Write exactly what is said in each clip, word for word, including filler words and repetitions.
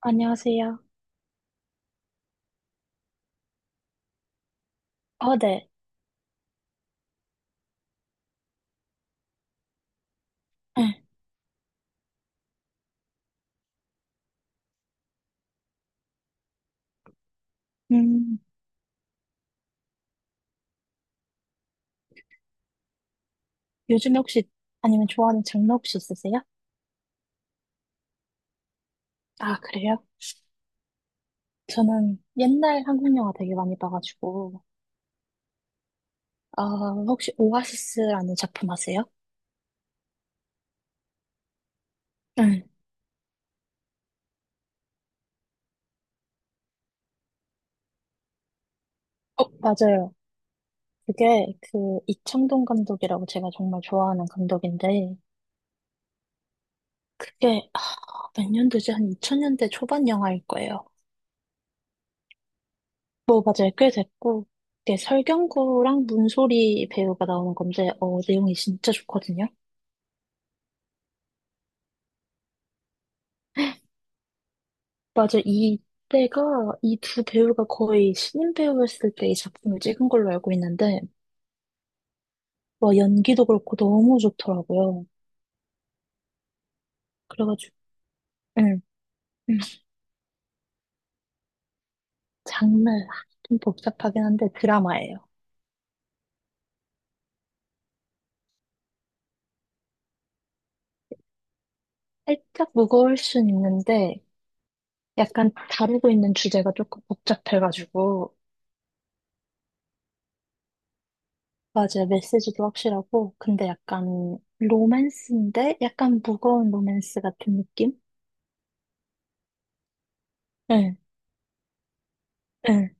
안녕하세요. 어, 네. 네. 음, 요즘에 혹시, 아니면 좋아하는 장르 혹시 있으세요? 아, 그래요? 저는 옛날 한국 영화 되게 많이 봐가지고, 아, 혹시 오아시스라는 작품 아세요? 네. 어, 맞아요. 그게 그 이창동 감독이라고 제가 정말 좋아하는 감독인데, 그게, 아, 몇 년도지? 한 이천 년대 초반 영화일 거예요. 뭐, 맞아요. 꽤 됐고, 이게 설경구랑 문소리 배우가 나오는 건데, 어, 내용이 진짜 좋거든요. 맞아. 이때가 이 두 배우가 거의 신인 배우였을 때 이 작품을 찍은 걸로 알고 있는데 와 연기도 그렇고 너무 좋더라고요. 그래가지고 응. 응. 장르 아, 좀 복잡하긴 한데 드라마예요. 살짝 무거울 순 있는데 약간 다루고 있는 주제가 조금 복잡해가지고 맞아요. 메시지도 확실하고 근데 약간 로맨스인데 약간 무거운 로맨스 같은 느낌? 응, 응,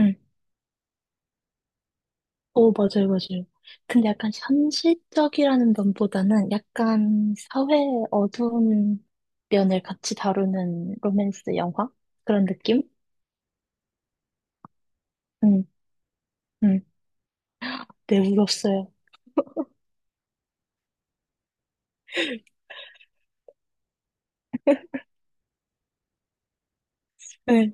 응. 오, 맞아요, 맞아요. 근데 약간 현실적이라는 면보다는 약간 사회의 어두운 면을 같이 다루는 로맨스 영화? 그런 느낌? 응, 응. 네, 울었어요. 네,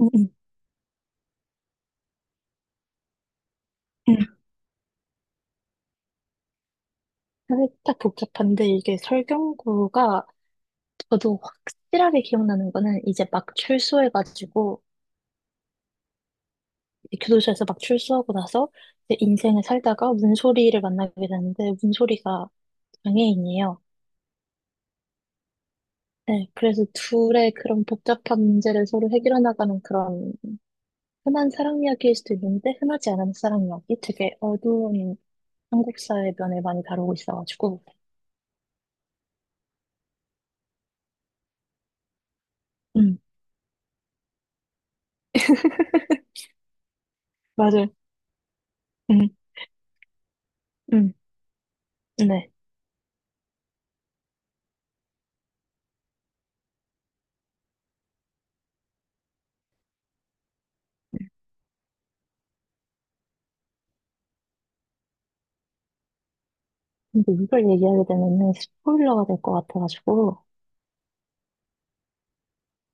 응, 응, 응. 살짝 복잡한데 이게 설경구가 저도 확실하게 기억나는 거는 이제 막 출소해가지고 이제 교도소에서 막 출소하고 나서 이제 인생을 살다가 문소리를 만나게 되는데 문소리가 장애인이에요. 네, 그래서 둘의 그런 복잡한 문제를 서로 해결해 나가는 그런 흔한 사랑 이야기일 수도 있는데 흔하지 않은 사랑 이야기 되게 어두운 한국 사의 면을 많이 다루고 있어가지고 음 맞아요 음, 음, 네 근데 이걸 얘기하게 되면은 스포일러가 될 것 같아가지고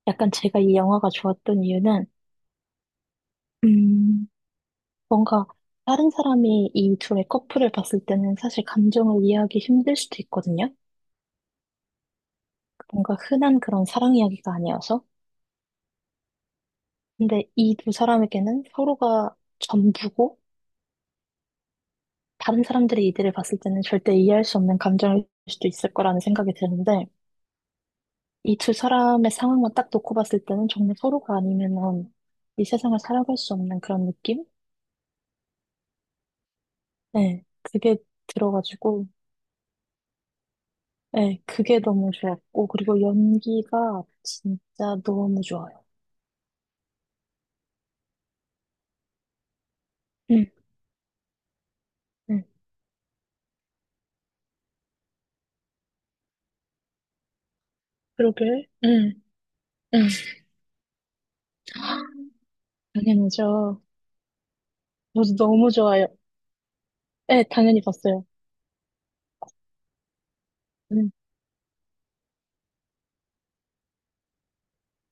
약간 제가 이 영화가 좋았던 이유는 음 뭔가 다른 사람이 이 둘의 커플을 봤을 때는 사실 감정을 이해하기 힘들 수도 있거든요 뭔가 흔한 그런 사랑 이야기가 아니어서 근데 이 두 사람에게는 서로가 전부고 다른 사람들의 이들을 봤을 때는 절대 이해할 수 없는 감정일 수도 있을 거라는 생각이 드는데 이 두 사람의 상황만 딱 놓고 봤을 때는 정말 서로가 아니면은 이 세상을 살아갈 수 없는 그런 느낌? 네, 그게 들어가지고 네, 그게 너무 좋았고 그리고 연기가 진짜 너무 좋아요. 응 응 그러길, 응 응 당연하죠. 저도 너무 좋아요. 네, 당연히 봤어요. 응.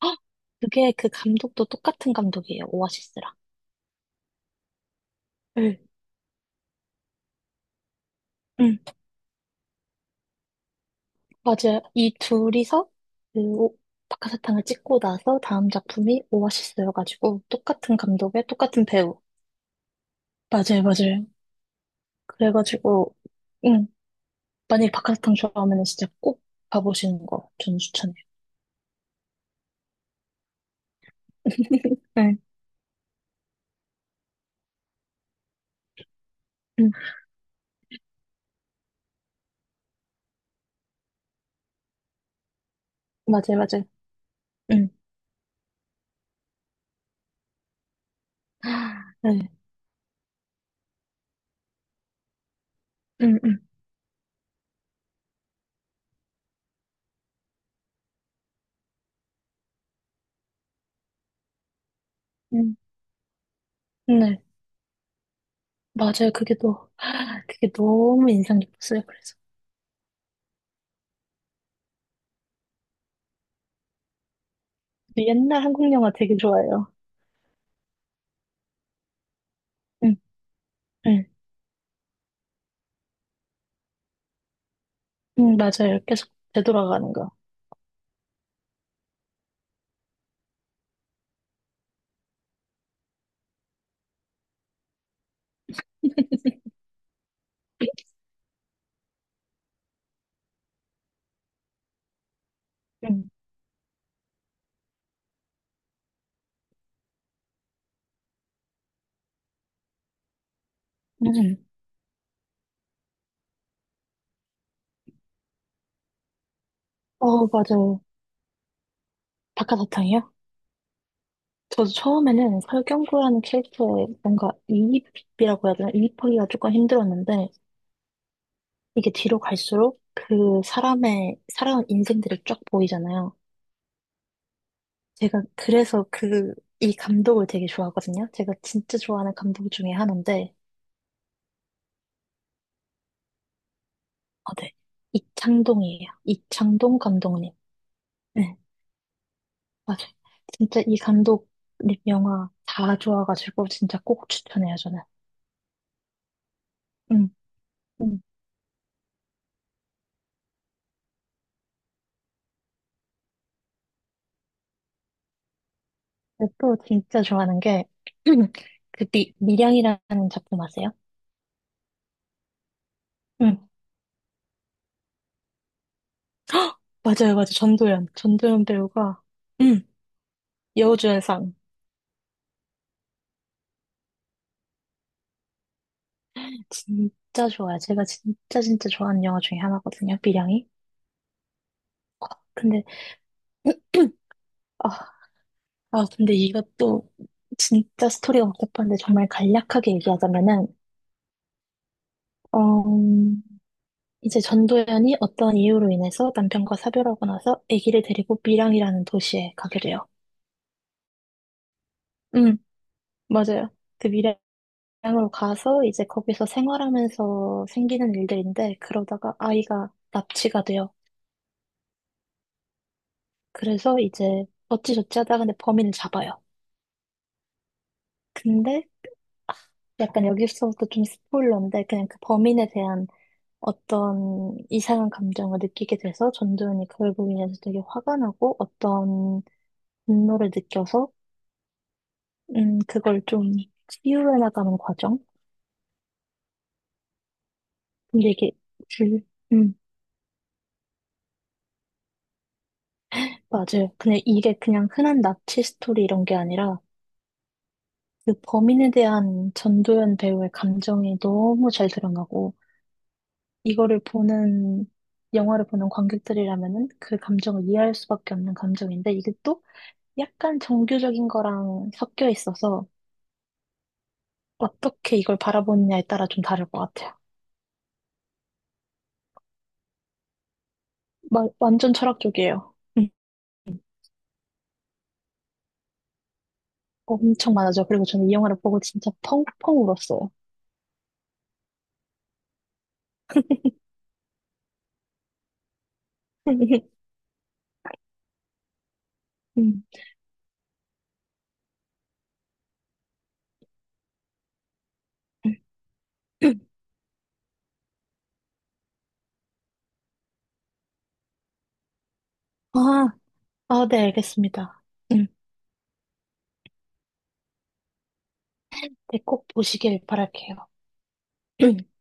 헉! 그게 그 감독도 똑같은 감독이에요. 오아시스랑. 네. 응, 맞아요. 이 둘이서 그 오- 박하사탕을 찍고 나서 다음 작품이 오아시스여가지고 똑같은 감독에 똑같은 배우. 맞아요, 맞아요. 그래가지고 응, 만약에 박하사탕 좋아하면 진짜 꼭 봐보시는 거 저는 추천해요. 네, 응, 맞아요, 맞아요. 응, 네, 응, 응, 응, 네, 맞아요. 그게 또 그게 너무 인상 깊었어요. 그래서. 옛날 한국 영화 되게 좋아해요. 응, 응, 응, 맞아요. 계속 되돌아가는 거. 응, 응. 어, 맞아요. 박하사탕이요? 저도 처음에는 설경구라는 캐릭터의 뭔가 이입이라고 해야 되나? 이입하기가 조금 힘들었는데, 이게 뒤로 갈수록 그 사람의, 살아온 인생들이 쫙 보이잖아요. 제가 그래서 그, 이 감독을 되게 좋아하거든요. 제가 진짜 좋아하는 감독 중에 하나인데, 어, 네. 이창동이에요. 이창동 감독님. 네. 맞아. 진짜 이 감독님 영화 다 좋아가지고 진짜 꼭 추천해요, 저는. 응. 응. 근데 또 진짜 좋아하는 게, 그 미, 미량이라는 작품 아세요? 응. 맞아요, 맞아요. 전도연. 전도연 배우가, 응. 여우주연상. 진짜 좋아요. 제가 진짜 진짜 좋아하는 영화 중에 하나거든요, 미량이. 어, 근데, 아, 아, 근데 이것도 진짜 스토리가 복잡한데 정말 간략하게 얘기하자면은, 어, 이제 전도연이 어떤 이유로 인해서 남편과 사별하고 나서 아기를 데리고 밀양이라는 도시에 가게 돼요. 응, 맞아요. 그 밀양으로 가서 이제 거기서 생활하면서 생기는 일들인데 그러다가 아이가 납치가 돼요. 그래서 이제 어찌저찌 하다가 근데 범인을 잡아요. 근데 아, 약간 여기서부터 좀 스포일러인데 그냥 그 범인에 대한 어떤 이상한 감정을 느끼게 돼서 전도연이 그걸 보면서 되게 화가 나고 어떤 분노를 느껴서 음, 그걸 좀 치유해 나가는 과정? 근데 이게 줄, 음, 맞아요. 근데 이게 그냥 흔한 납치 스토리 이런 게 아니라 그 범인에 대한 전도연 배우의 감정이 너무 잘 드러나고 이거를 보는, 영화를 보는 관객들이라면은 그 감정을 이해할 수밖에 없는 감정인데 이게 또 약간 정교적인 거랑 섞여 있어서 어떻게 이걸 바라보느냐에 따라 좀 다를 것 같아요. 마, 완전 철학적이에요. 음. 엄청 많아져. 그리고 저는 이 영화를 보고 진짜 펑펑 울었어요. 음. 아, 아, 네, 알겠습니다. 음, 네, 꼭 보시길 바랄게요.